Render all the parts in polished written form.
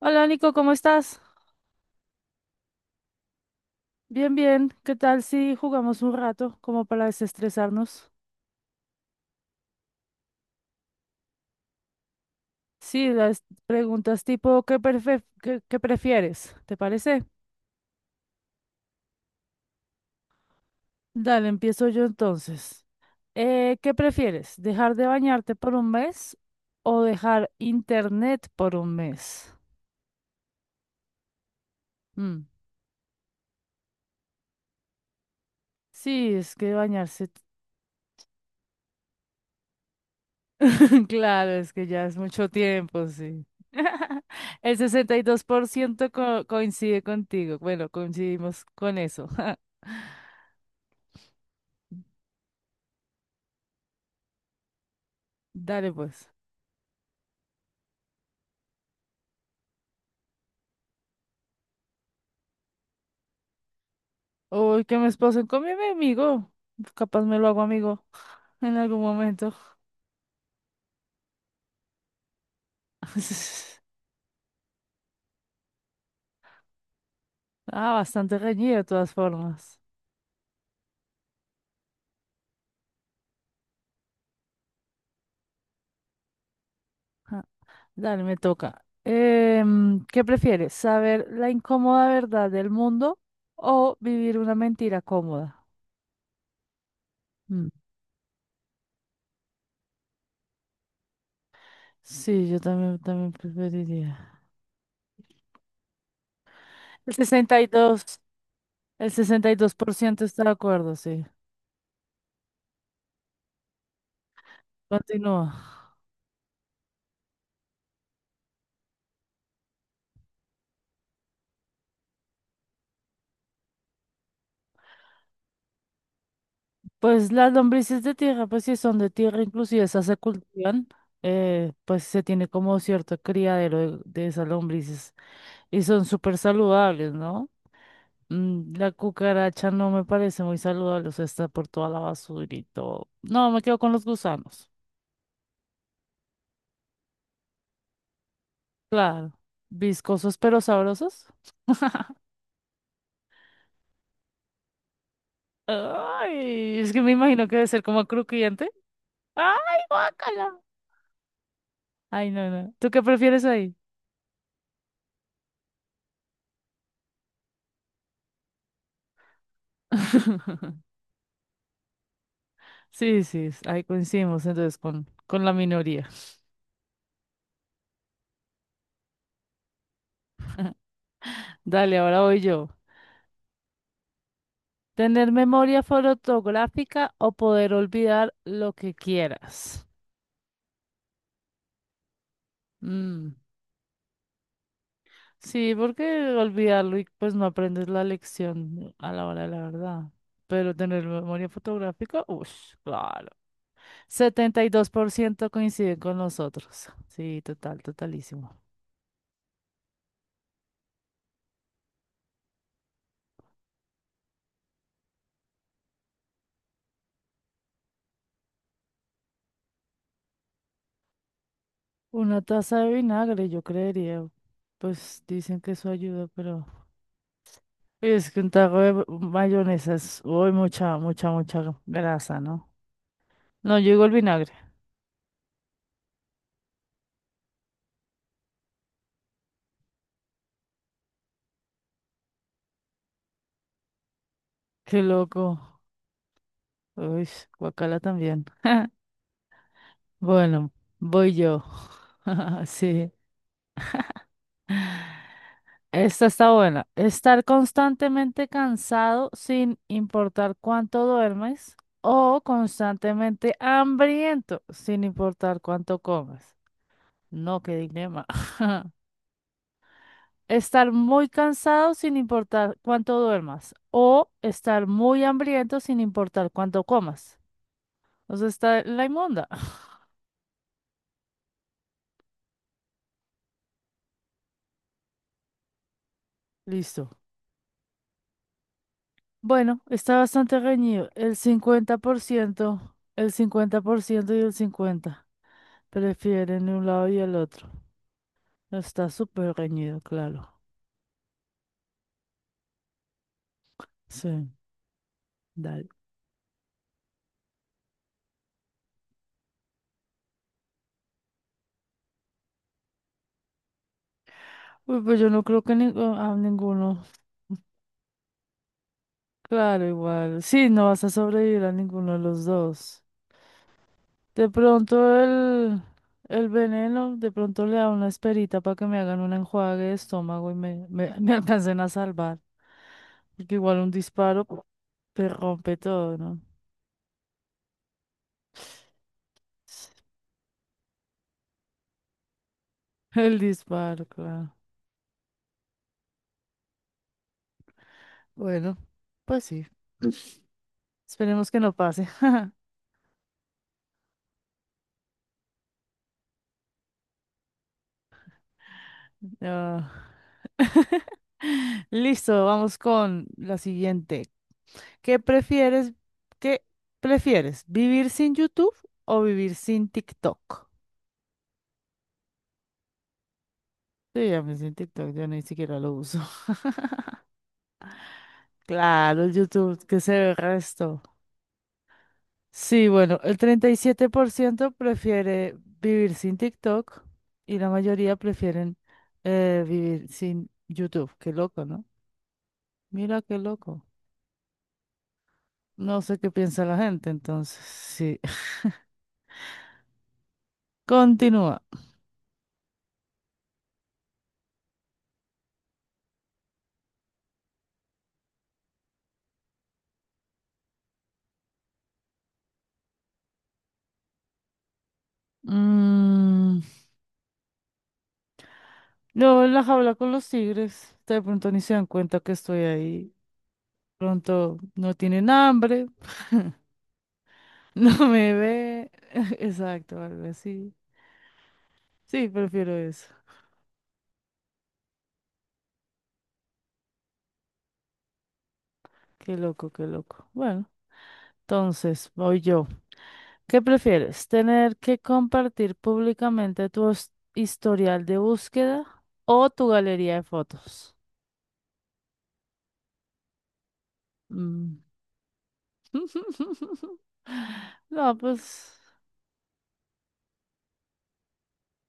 Hola Nico, ¿cómo estás? Bien, bien. ¿Qué tal si jugamos un rato como para desestresarnos? Sí, las preguntas tipo ¿qué prefieres? ¿Te parece? Dale, empiezo yo entonces. ¿Qué prefieres? ¿Dejar de bañarte por un mes o dejar internet por un mes? Mm, Sí, es que bañarse. Claro, es que ya es mucho tiempo, sí. El 62% coincide contigo. Bueno, coincidimos con eso. Dale, pues. Uy, que me esposen con mi amigo. Capaz me lo hago amigo en algún momento. Ah, bastante reñido de todas formas. Ah, dale, me toca. ¿Qué prefieres? ¿Saber la incómoda verdad del mundo o vivir una mentira cómoda? Mm, Sí, yo también, también preferiría. El sesenta y dos el sesenta y dos por ciento está de acuerdo, sí. Continúa. Pues las lombrices de tierra, pues si son de tierra, inclusive esas se cultivan, pues se tiene como cierto criadero de esas lombrices y son súper saludables, ¿no? La cucaracha no me parece muy saludable, o sea, está por toda la basura y todo. No, me quedo con los gusanos. Claro, viscosos pero sabrosos. Ay, es que me imagino que debe ser como crujiente. ¡Ay, guácala! Ay, no, no. ¿Tú qué prefieres ahí? Sí, sí, ahí coincidimos entonces con, la minoría. Dale, ahora voy yo. ¿Tener memoria fotográfica o poder olvidar lo que quieras? Mm, Sí, porque olvidarlo y pues no aprendes la lección a la hora de la verdad. Pero tener memoria fotográfica, uff, claro. 72% coinciden con nosotros. Sí, total, totalísimo. Una taza de vinagre, yo creería. Pues dicen que eso ayuda, pero es que un taco de mayonesa es uy, mucha, mucha, mucha grasa, ¿no? No, yo digo el vinagre. Qué loco. Uy, guacala también. Bueno, voy yo. Sí, esta está buena. Estar constantemente cansado sin importar cuánto duermes o constantemente hambriento sin importar cuánto comes. No, qué dilema. Estar muy cansado sin importar cuánto duermas o estar muy hambriento sin importar cuánto comas. O sea, está la inmunda. Listo. Bueno, está bastante reñido. El cincuenta por ciento y el 50% prefieren un lado y el otro. No, está súper reñido, claro. Sí, dale. Uy, pues yo no creo que a ninguno. Claro, igual. Sí, no vas a sobrevivir a ninguno de los dos. De pronto el veneno, de pronto le da una esperita para que me hagan un enjuague de estómago y me alcancen a salvar. Porque igual un disparo te rompe todo, ¿no? El disparo, claro. Bueno, pues sí. Esperemos que no pase. Ah. Listo, vamos con la siguiente. ¿Qué prefieres? ¿Qué prefieres? ¿Vivir sin YouTube o vivir sin TikTok? Sí, a mí sin TikTok yo ni siquiera lo uso. Claro, el YouTube, que se ve el resto. Sí, bueno, el 37% prefiere vivir sin TikTok y la mayoría prefieren vivir sin YouTube. Qué loco, ¿no? Mira qué loco. No sé qué piensa la gente, entonces, sí. Continúa. Mm, luego en la jaula con los tigres, de pronto ni se dan cuenta que estoy ahí. Pronto no tienen hambre, no me ve. Exacto, algo así. Sí, prefiero eso. Qué loco, qué loco. Bueno, entonces voy yo. ¿Qué prefieres? ¿Tener que compartir públicamente tu historial de búsqueda o tu galería de fotos? Mm. No, pues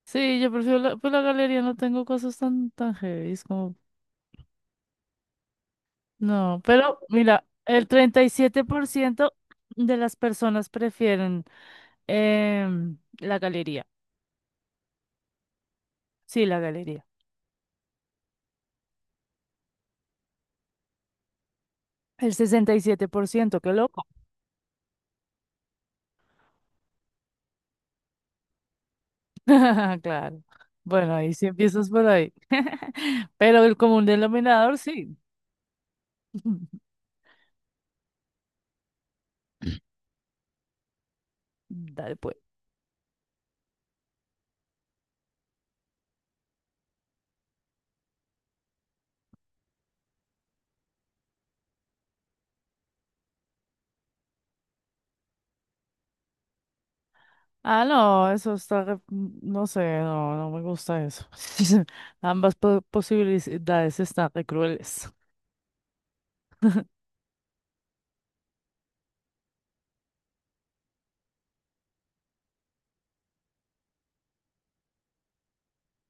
sí, yo prefiero la, pues la galería, no tengo cosas tan, tan heavy, como... No, pero mira, el 37% de las personas prefieren la galería. Sí, la galería. El 67%. Qué loco. Claro. Bueno, ahí sí empiezas por ahí. Pero el común denominador, sí. Dale pues. Ah, no, eso está, no sé, no, no me gusta eso. Ambas posibilidades están re crueles.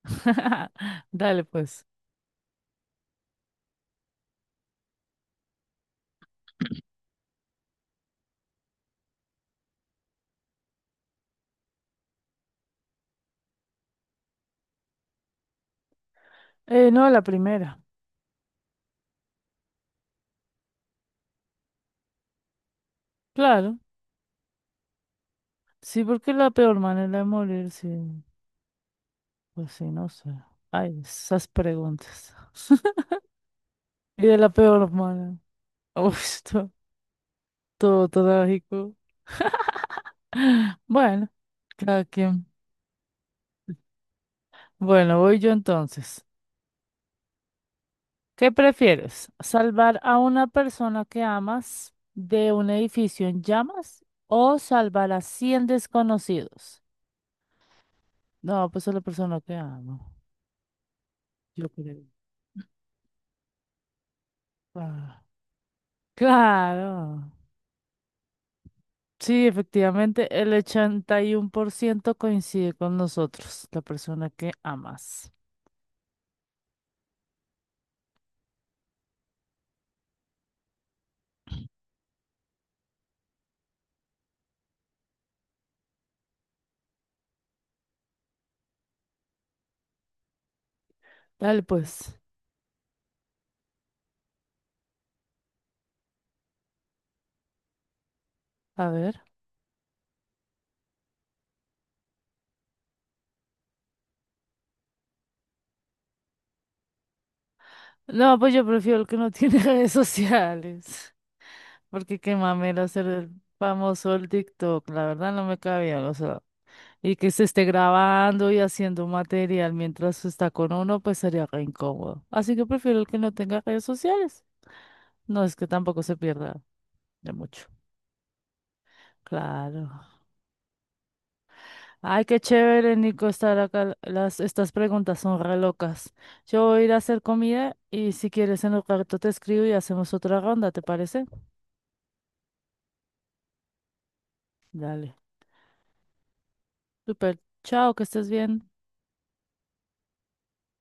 Dale pues. No, la primera. Claro, sí, porque la peor manera de morir, sí, pues sí, no sé. Ay, esas preguntas. Y de la peor manera. Uf, todo, todo trágico. Bueno, cada quien. Bueno, voy yo entonces. ¿Qué prefieres? ¿Salvar a una persona que amas de un edificio en llamas o salvar a 100 desconocidos? No, pues a la persona que amo. Yo creo. Ah, claro. Sí, efectivamente, el 81% coincide con nosotros, la persona que amas. Dale, pues. A ver. No, pues yo prefiero el que no tiene redes sociales. Porque qué mamera ser famoso el TikTok, la verdad no me cabía, o sea, y que se esté grabando y haciendo material mientras está con uno, pues sería re incómodo. Así que prefiero el que no tenga redes sociales. No es que tampoco se pierda de mucho. Claro. Ay, qué chévere, Nico, estar acá. Estas preguntas son re locas. Yo voy a ir a hacer comida y si quieres en un rato te escribo y hacemos otra ronda, ¿te parece? Dale. Super. Chao, que estés bien.